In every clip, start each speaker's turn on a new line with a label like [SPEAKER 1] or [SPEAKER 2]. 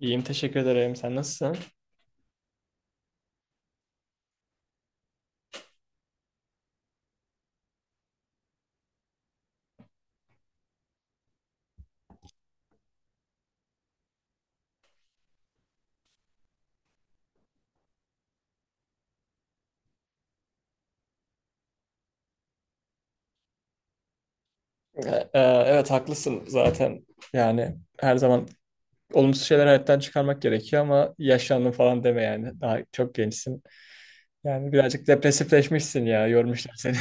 [SPEAKER 1] İyiyim, teşekkür ederim. Sen nasılsın? Ee, e, evet, haklısın zaten. Yani her zaman olumsuz şeyler hayattan çıkarmak gerekiyor ama yaşlandın falan deme yani. Daha çok gençsin. Yani birazcık depresifleşmişsin ya, yormuşlar seni.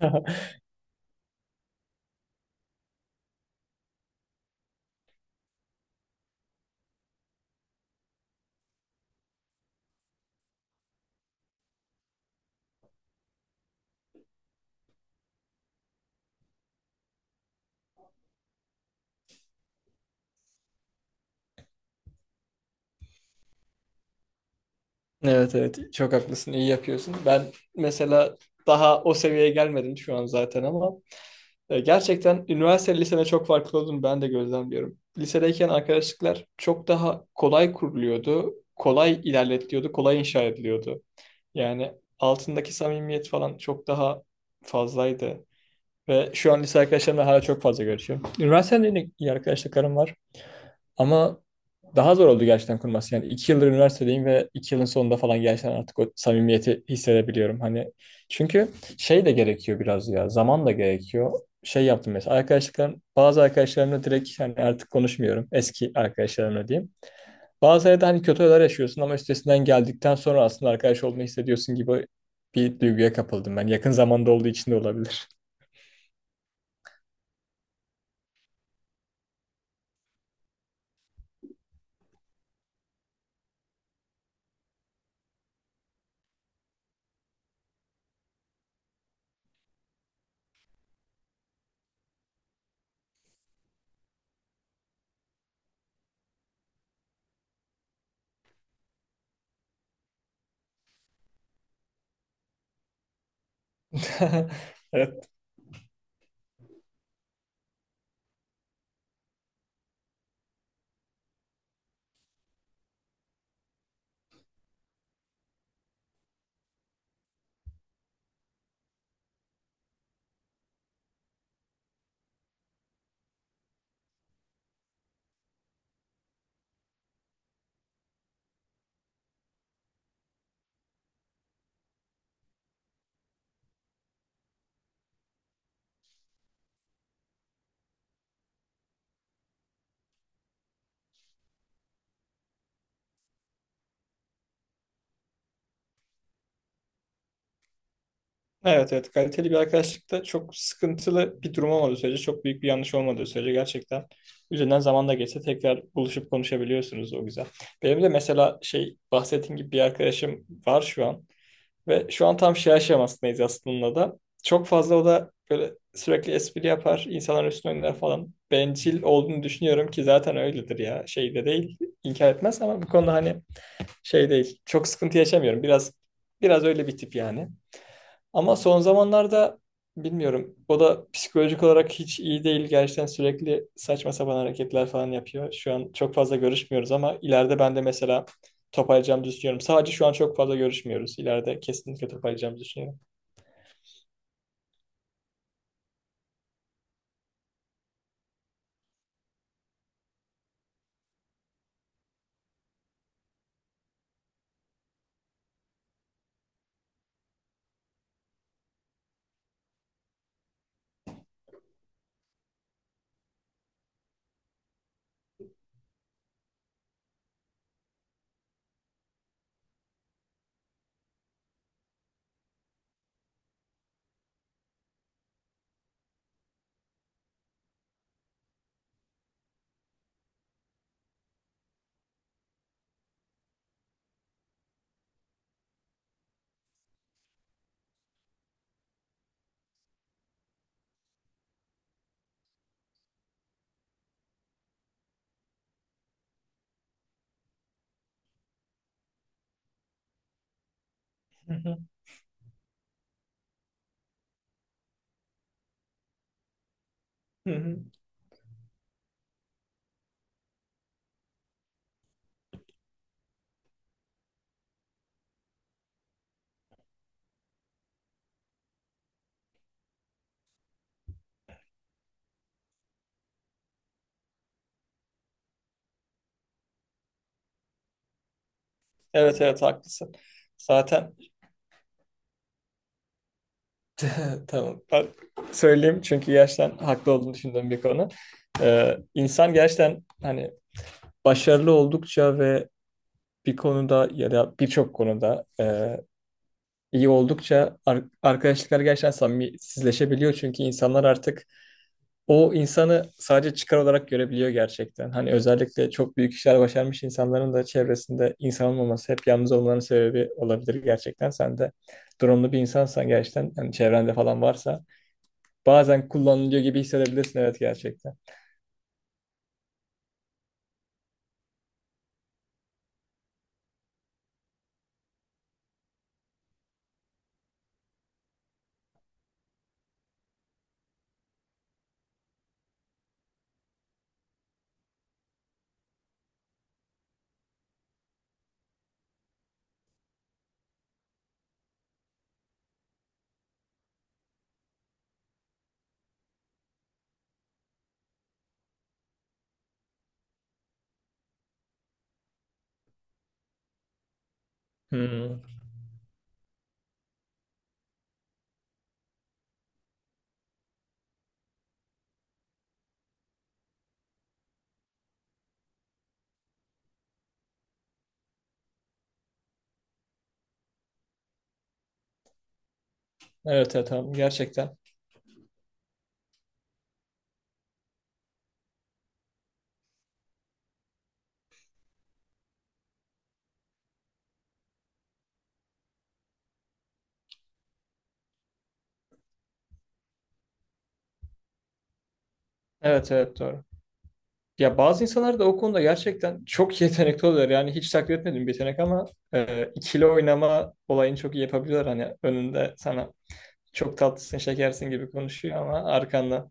[SPEAKER 1] Evet, evet, çok haklısın, iyi yapıyorsun. Ben mesela daha o seviyeye gelmedim şu an zaten ama gerçekten üniversite lisede çok farklı olduğunu ben de gözlemliyorum. Lisedeyken arkadaşlıklar çok daha kolay kuruluyordu, kolay ilerletiliyordu, kolay inşa ediliyordu. Yani altındaki samimiyet falan çok daha fazlaydı. Ve şu an lise arkadaşlarımla hala çok fazla görüşüyorum. Üniversitede yine iyi arkadaşlıklarım var. Ama daha zor oldu gerçekten kurması. Yani iki yıldır üniversitedeyim ve iki yılın sonunda falan gerçekten artık o samimiyeti hissedebiliyorum. Hani çünkü şey de gerekiyor biraz ya. Zaman da gerekiyor. Şey yaptım mesela arkadaşlıklarım, bazı arkadaşlarımla direkt hani artık konuşmuyorum. Eski arkadaşlarımla diyeyim. Bazı yerde hani kötü olaylar yaşıyorsun ama üstesinden geldikten sonra aslında arkadaş olduğunu hissediyorsun gibi bir duyguya kapıldım ben. Yakın zamanda olduğu için de olabilir. Evet, evet, evet. Kaliteli bir arkadaşlıkta çok sıkıntılı bir durum olmadığı sürece, çok büyük bir yanlış olmadığı sürece gerçekten üzerinden zaman da geçse tekrar buluşup konuşabiliyorsunuz o güzel. Benim de mesela şey bahsettiğim gibi bir arkadaşım var şu an. Ve şu an tam şey aşamasındayız aslında da. Çok fazla o da böyle sürekli espri yapar, insanların üstüne oynar falan. Bencil olduğunu düşünüyorum ki zaten öyledir ya. Şey de değil, inkar etmez ama bu konuda hani şey değil. Çok sıkıntı yaşamıyorum. Biraz öyle bir tip yani. Ama son zamanlarda bilmiyorum. O da psikolojik olarak hiç iyi değil. Gerçekten sürekli saçma sapan hareketler falan yapıyor. Şu an çok fazla görüşmüyoruz ama ileride ben de mesela toparlayacağımı düşünüyorum. Sadece şu an çok fazla görüşmüyoruz. İleride kesinlikle toparlayacağımı düşünüyorum. Hı hı. Hı hı. Evet, evet, haklısın. Zaten tamam. Ben söyleyeyim çünkü gerçekten haklı olduğunu düşündüğüm bir konu. İnsan gerçekten hani başarılı oldukça ve bir konuda ya da birçok konuda iyi oldukça arkadaşlıklar gerçekten samimisizleşebiliyor. Çünkü insanlar artık o insanı sadece çıkar olarak görebiliyor gerçekten. Hani özellikle çok büyük işler başarmış insanların da çevresinde insan olmaması hep yalnız olmaların sebebi olabilir gerçekten. Sen de durumlu bir insansan gerçekten hani çevrende falan varsa bazen kullanılıyor gibi hissedebilirsin, evet gerçekten. Hmm. Evet, evet, tamam gerçekten. Evet, evet, doğru. Ya bazı insanlar da o konuda gerçekten çok yetenekli oluyor. Yani hiç takdir etmediğim bir yetenek ama ikili oynama olayını çok iyi yapabiliyorlar. Hani önünde sana çok tatlısın şekersin gibi konuşuyor ama arkanda.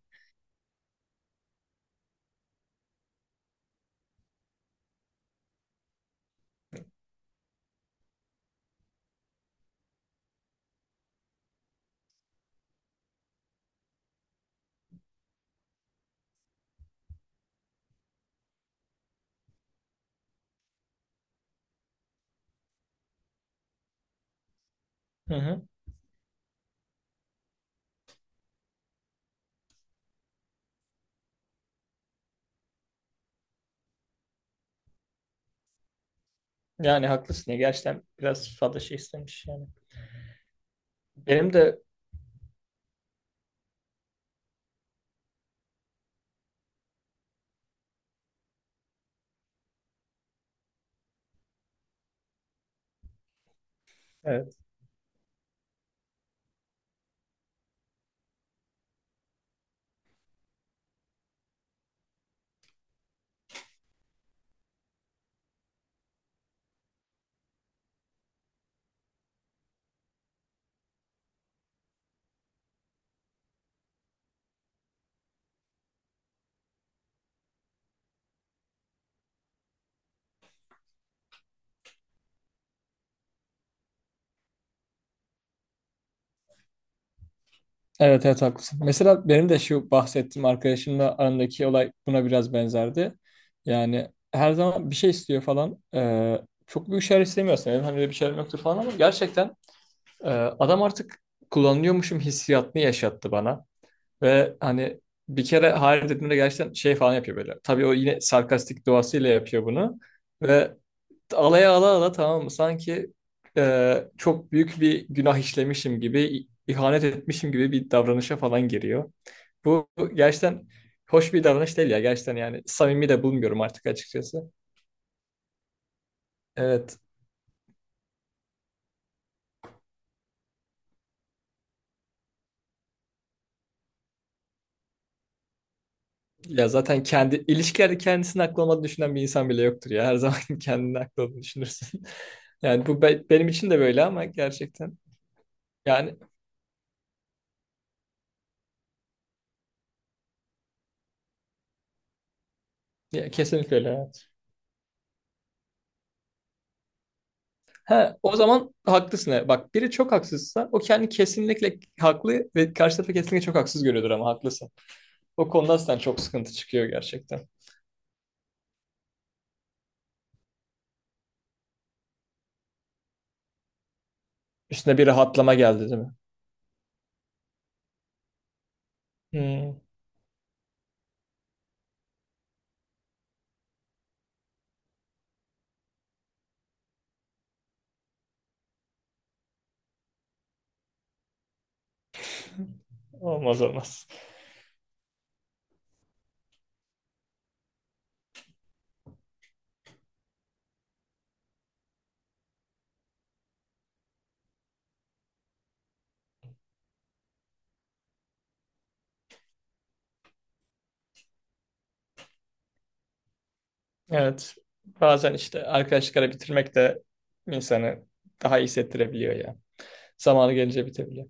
[SPEAKER 1] Hı hı. Yani haklısın ya gerçekten biraz fazla şey istemiş yani. Benim de evet. Evet, evet, haklısın. Mesela benim de şu bahsettiğim arkadaşımla arandaki olay buna biraz benzerdi. Yani her zaman bir şey istiyor falan. Çok büyük şeyler istemiyorsun. Benim hani öyle bir şeylerim yoktur falan ama gerçekten adam artık kullanıyormuşum hissiyatını yaşattı bana. Ve hani bir kere hayır dediğimde gerçekten şey falan yapıyor böyle. Tabii o yine sarkastik doğasıyla yapıyor bunu. Ve alaya ala ala tamam mı? Sanki çok büyük bir günah işlemişim gibi, ihanet etmişim gibi bir davranışa falan giriyor. Bu gerçekten hoş bir davranış değil ya. Gerçekten yani samimi de bulmuyorum artık açıkçası. Evet. Ya zaten kendi ilişkilerde kendisini haklı olmadığını düşünen bir insan bile yoktur ya. Her zaman kendini haklı olduğunu düşünürsün. Yani bu benim için de böyle ama gerçekten yani, ya, kesinlikle öyle. Evet. He, o zaman haklısın. Evet. Bak biri çok haksızsa o kendi kesinlikle haklı ve karşı tarafı kesinlikle çok haksız görüyordur ama haklısın. O konuda sen çok sıkıntı çıkıyor gerçekten. Üstüne bir rahatlama geldi değil mi? Hmm, olmaz olmaz. Evet. Bazen işte arkadaşlıkları bitirmek de insanı daha iyi hissettirebiliyor ya. Zamanı gelince bitebiliyor.